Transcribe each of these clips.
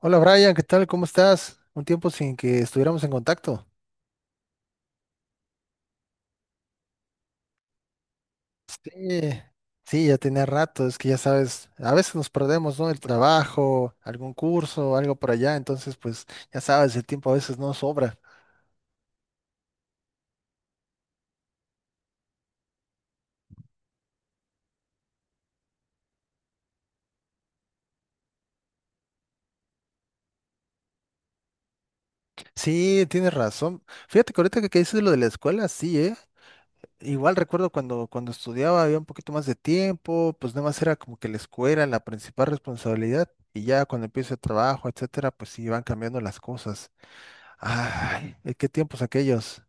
Hola Brian, ¿qué tal? ¿Cómo estás? Un tiempo sin que estuviéramos en contacto. Sí, sí, ya tenía rato, es que ya sabes, a veces nos perdemos, ¿no? El trabajo, algún curso, algo por allá, entonces pues ya sabes, el tiempo a veces no sobra. Sí, tienes razón. Fíjate que ahorita que dices lo de la escuela, sí, ¿eh? Igual recuerdo cuando estudiaba había un poquito más de tiempo, pues nada más era como que la escuela la principal responsabilidad y ya cuando empiezo el trabajo, etcétera, pues sí, van cambiando las cosas. Ay, qué tiempos aquellos.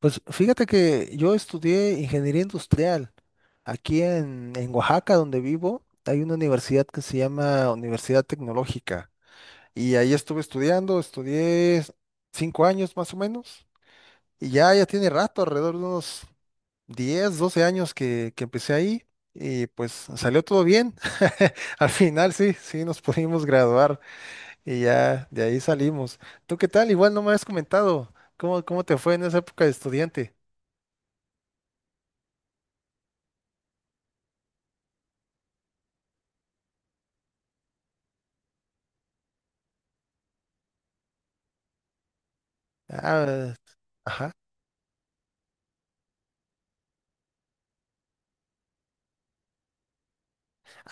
Pues fíjate que yo estudié ingeniería industrial. Aquí en Oaxaca, donde vivo, hay una universidad que se llama Universidad Tecnológica. Y ahí estuve estudiando, estudié 5 años más o menos. Y ya, ya tiene rato, alrededor de unos 10 12 años que empecé ahí. Y pues salió todo bien. Al final sí, sí nos pudimos graduar y ya de ahí salimos. ¿Tú qué tal? Igual no me has comentado cómo te fue en esa época de estudiante. Ah, ajá.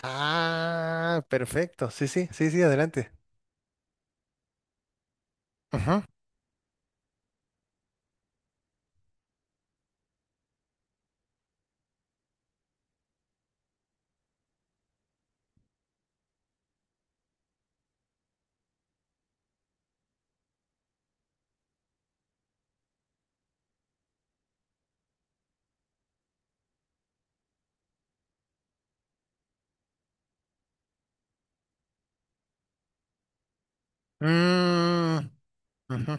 Ah, perfecto. Sí, sí, sí, sí, adelante. Ujú. Mm, ujú.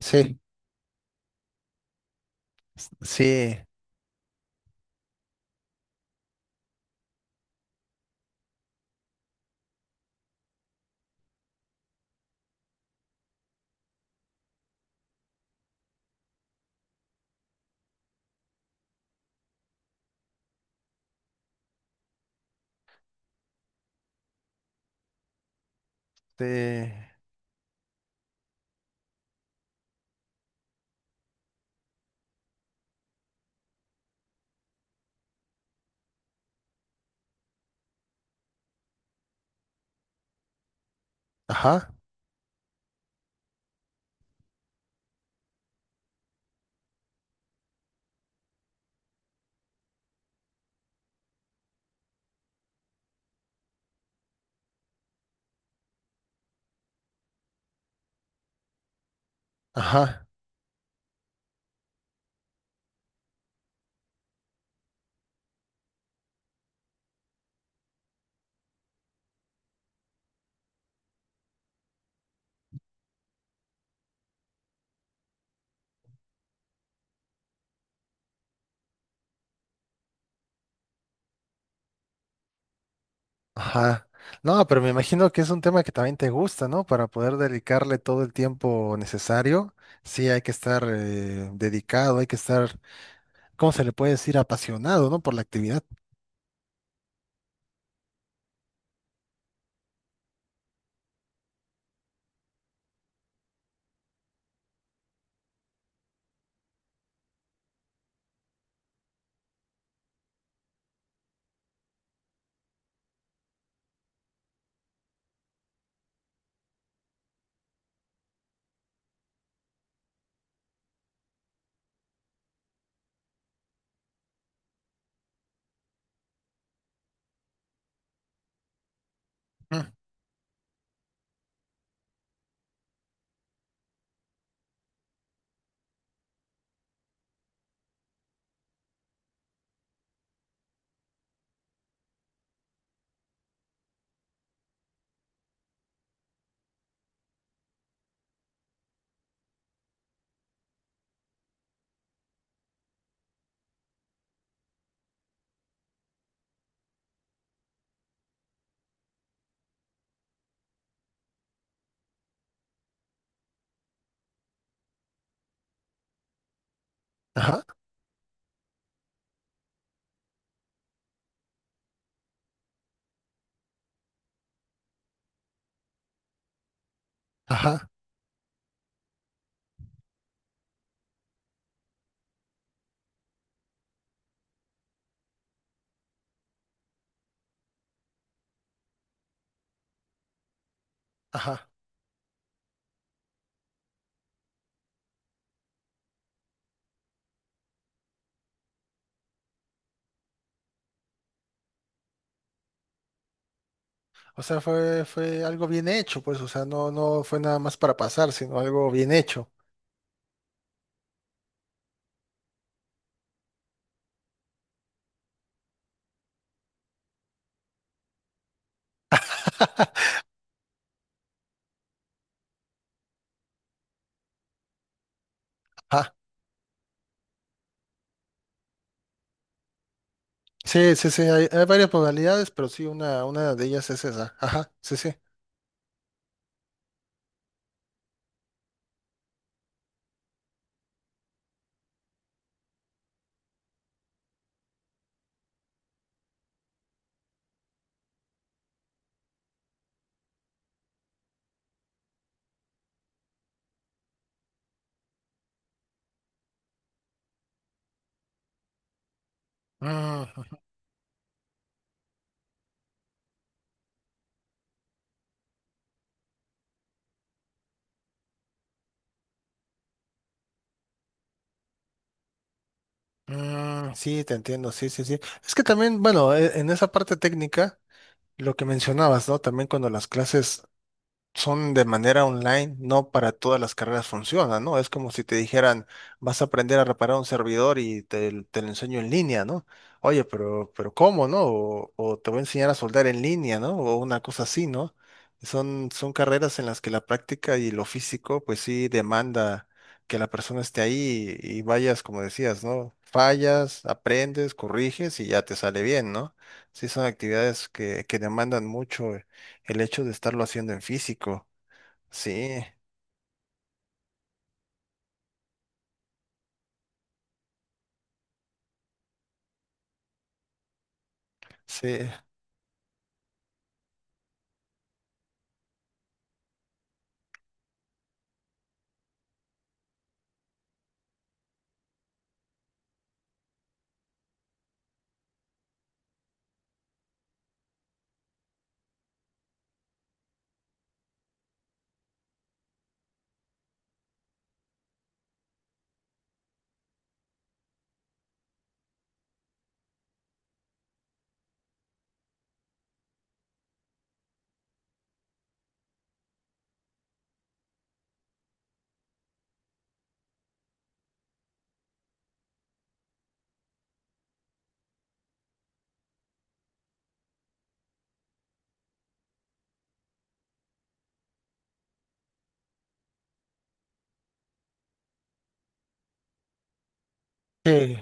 Sí, sí, sí. Ajá, ajá, ajá. No, pero me imagino que es un tema que también te gusta, ¿no? Para poder dedicarle todo el tiempo necesario, sí hay que estar dedicado, hay que estar, ¿cómo se le puede decir? Apasionado, ¿no? Por la actividad. Mm. Ajá, ajá, ajá. O sea, fue algo bien hecho, pues, o sea, no, no fue nada más para pasar, sino algo bien hecho. Ajá. Sí, sí, sí, hay varias modalidades, pero sí, una de ellas es esa. Ajá, sí, sí. Mm, mm, sí, te entiendo, sí, sí, sí. Es que también, bueno, en esa parte técnica, lo que mencionabas, ¿no? También cuando las clases son de manera online, no para todas las carreras funcionan, ¿no? Es como si te dijeran, vas a aprender a reparar un servidor y te lo enseño en línea, ¿no? Oye, pero ¿cómo, no? O te voy a enseñar a soldar en línea, ¿no? O una cosa así, ¿no? Son carreras en las que la práctica y lo físico, pues sí demanda que la persona esté ahí y vayas, como decías, ¿no? Fallas, aprendes, corriges y ya te sale bien, ¿no? Sí, son actividades que demandan mucho el hecho de estarlo haciendo en físico. Sí, sí, sí,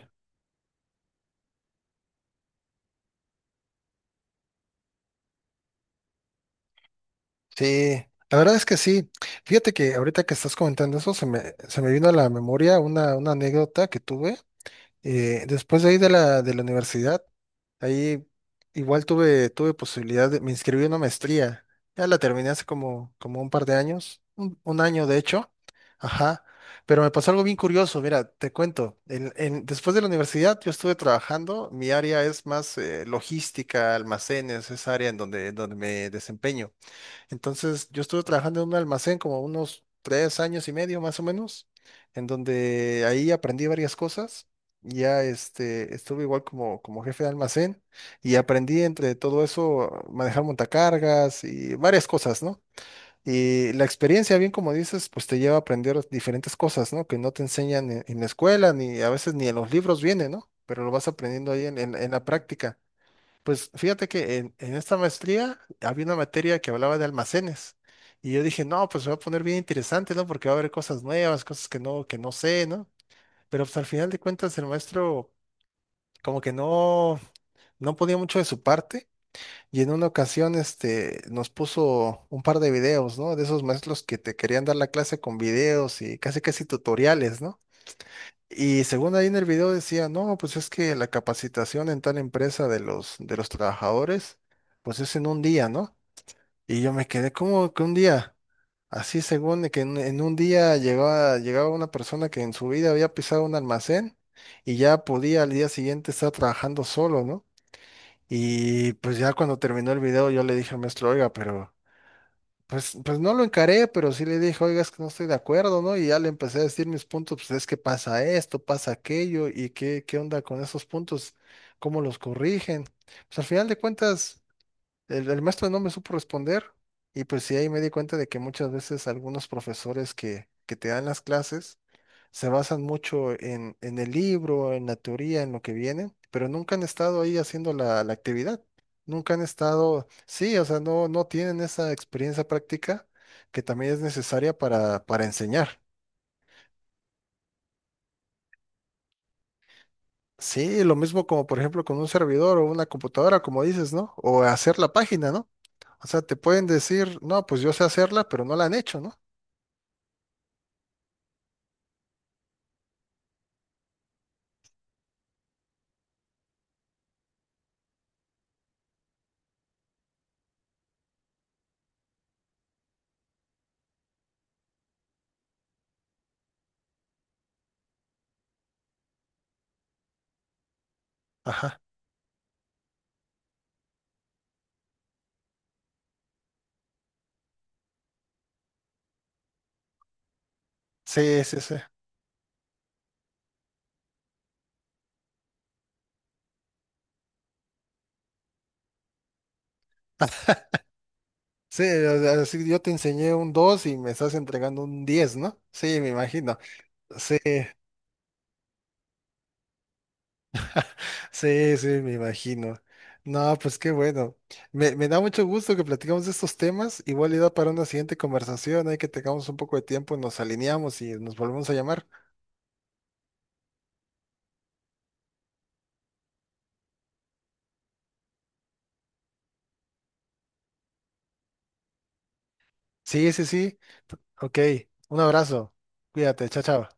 sí. La verdad es que sí. Fíjate que ahorita que estás comentando eso, se me vino a la memoria una anécdota que tuve después de ahí de la universidad. Ahí igual tuve, tuve posibilidad de, me inscribí en una maestría. Ya la terminé hace como, como un par de años, un año de hecho. Ajá. Pero me pasó algo bien curioso. Mira, te cuento. Después de la universidad yo estuve trabajando. Mi área es más logística, almacenes, esa área en donde me desempeño. Entonces, yo estuve trabajando en un almacén como unos 3 años y medio más o menos, en donde ahí aprendí varias cosas. Ya este, estuve igual como, como jefe de almacén y aprendí entre todo eso a manejar montacargas y varias cosas, ¿no? Y la experiencia, bien como dices, pues te lleva a aprender diferentes cosas, ¿no? Que no te enseñan en la escuela, ni a veces ni en los libros viene, ¿no? Pero lo vas aprendiendo ahí en la práctica. Pues fíjate que en esta maestría había una materia que hablaba de almacenes y yo dije, no, pues se va a poner bien interesante, ¿no? Porque va a haber cosas nuevas, cosas que no sé, ¿no? Pero pues al final de cuentas el maestro como que no, no ponía mucho de su parte y en una ocasión este, nos puso un par de videos, ¿no? De esos maestros que te querían dar la clase con videos y casi casi tutoriales, ¿no? Y según ahí en el video decía, no, pues es que la capacitación en tal empresa de los trabajadores, pues es en un día, ¿no? Y yo me quedé como que un día, así según de que en un día llegaba, llegaba una persona que en su vida había pisado un almacén y ya podía al día siguiente estar trabajando solo, ¿no? Y pues ya cuando terminó el video yo le dije al maestro, oiga, pero... Pues, pues no lo encaré, pero sí le dije, oiga, es que no estoy de acuerdo, ¿no? Y ya le empecé a decir mis puntos, pues es que pasa esto, pasa aquello, y qué, qué onda con esos puntos, cómo los corrigen. Pues al final de cuentas, el maestro no me supo responder y pues sí, ahí me di cuenta de que muchas veces algunos profesores que te dan las clases se basan mucho en el libro, en la teoría, en lo que vienen, pero nunca han estado ahí haciendo la, la actividad. Nunca han estado, sí, o sea, no, no tienen esa experiencia práctica que también es necesaria para enseñar. Sí, lo mismo como por ejemplo con un servidor o una computadora, como dices, ¿no? O hacer la página, ¿no? O sea, te pueden decir, no, pues yo sé hacerla, pero no la han hecho, ¿no? Ajá. Sí, sí, sí. Sí, o sea, así yo te enseñé un 2 y me estás entregando un 10, ¿no? Sí, me imagino. Sí, sí, sí, me imagino. No, pues qué bueno. Me da mucho gusto que platicamos de estos temas. Igual y da para una siguiente conversación. Hay que tengamos un poco de tiempo, nos alineamos y nos volvemos a llamar. Sí, sí, sí. Ok. Un abrazo. Cuídate. Chao, chao.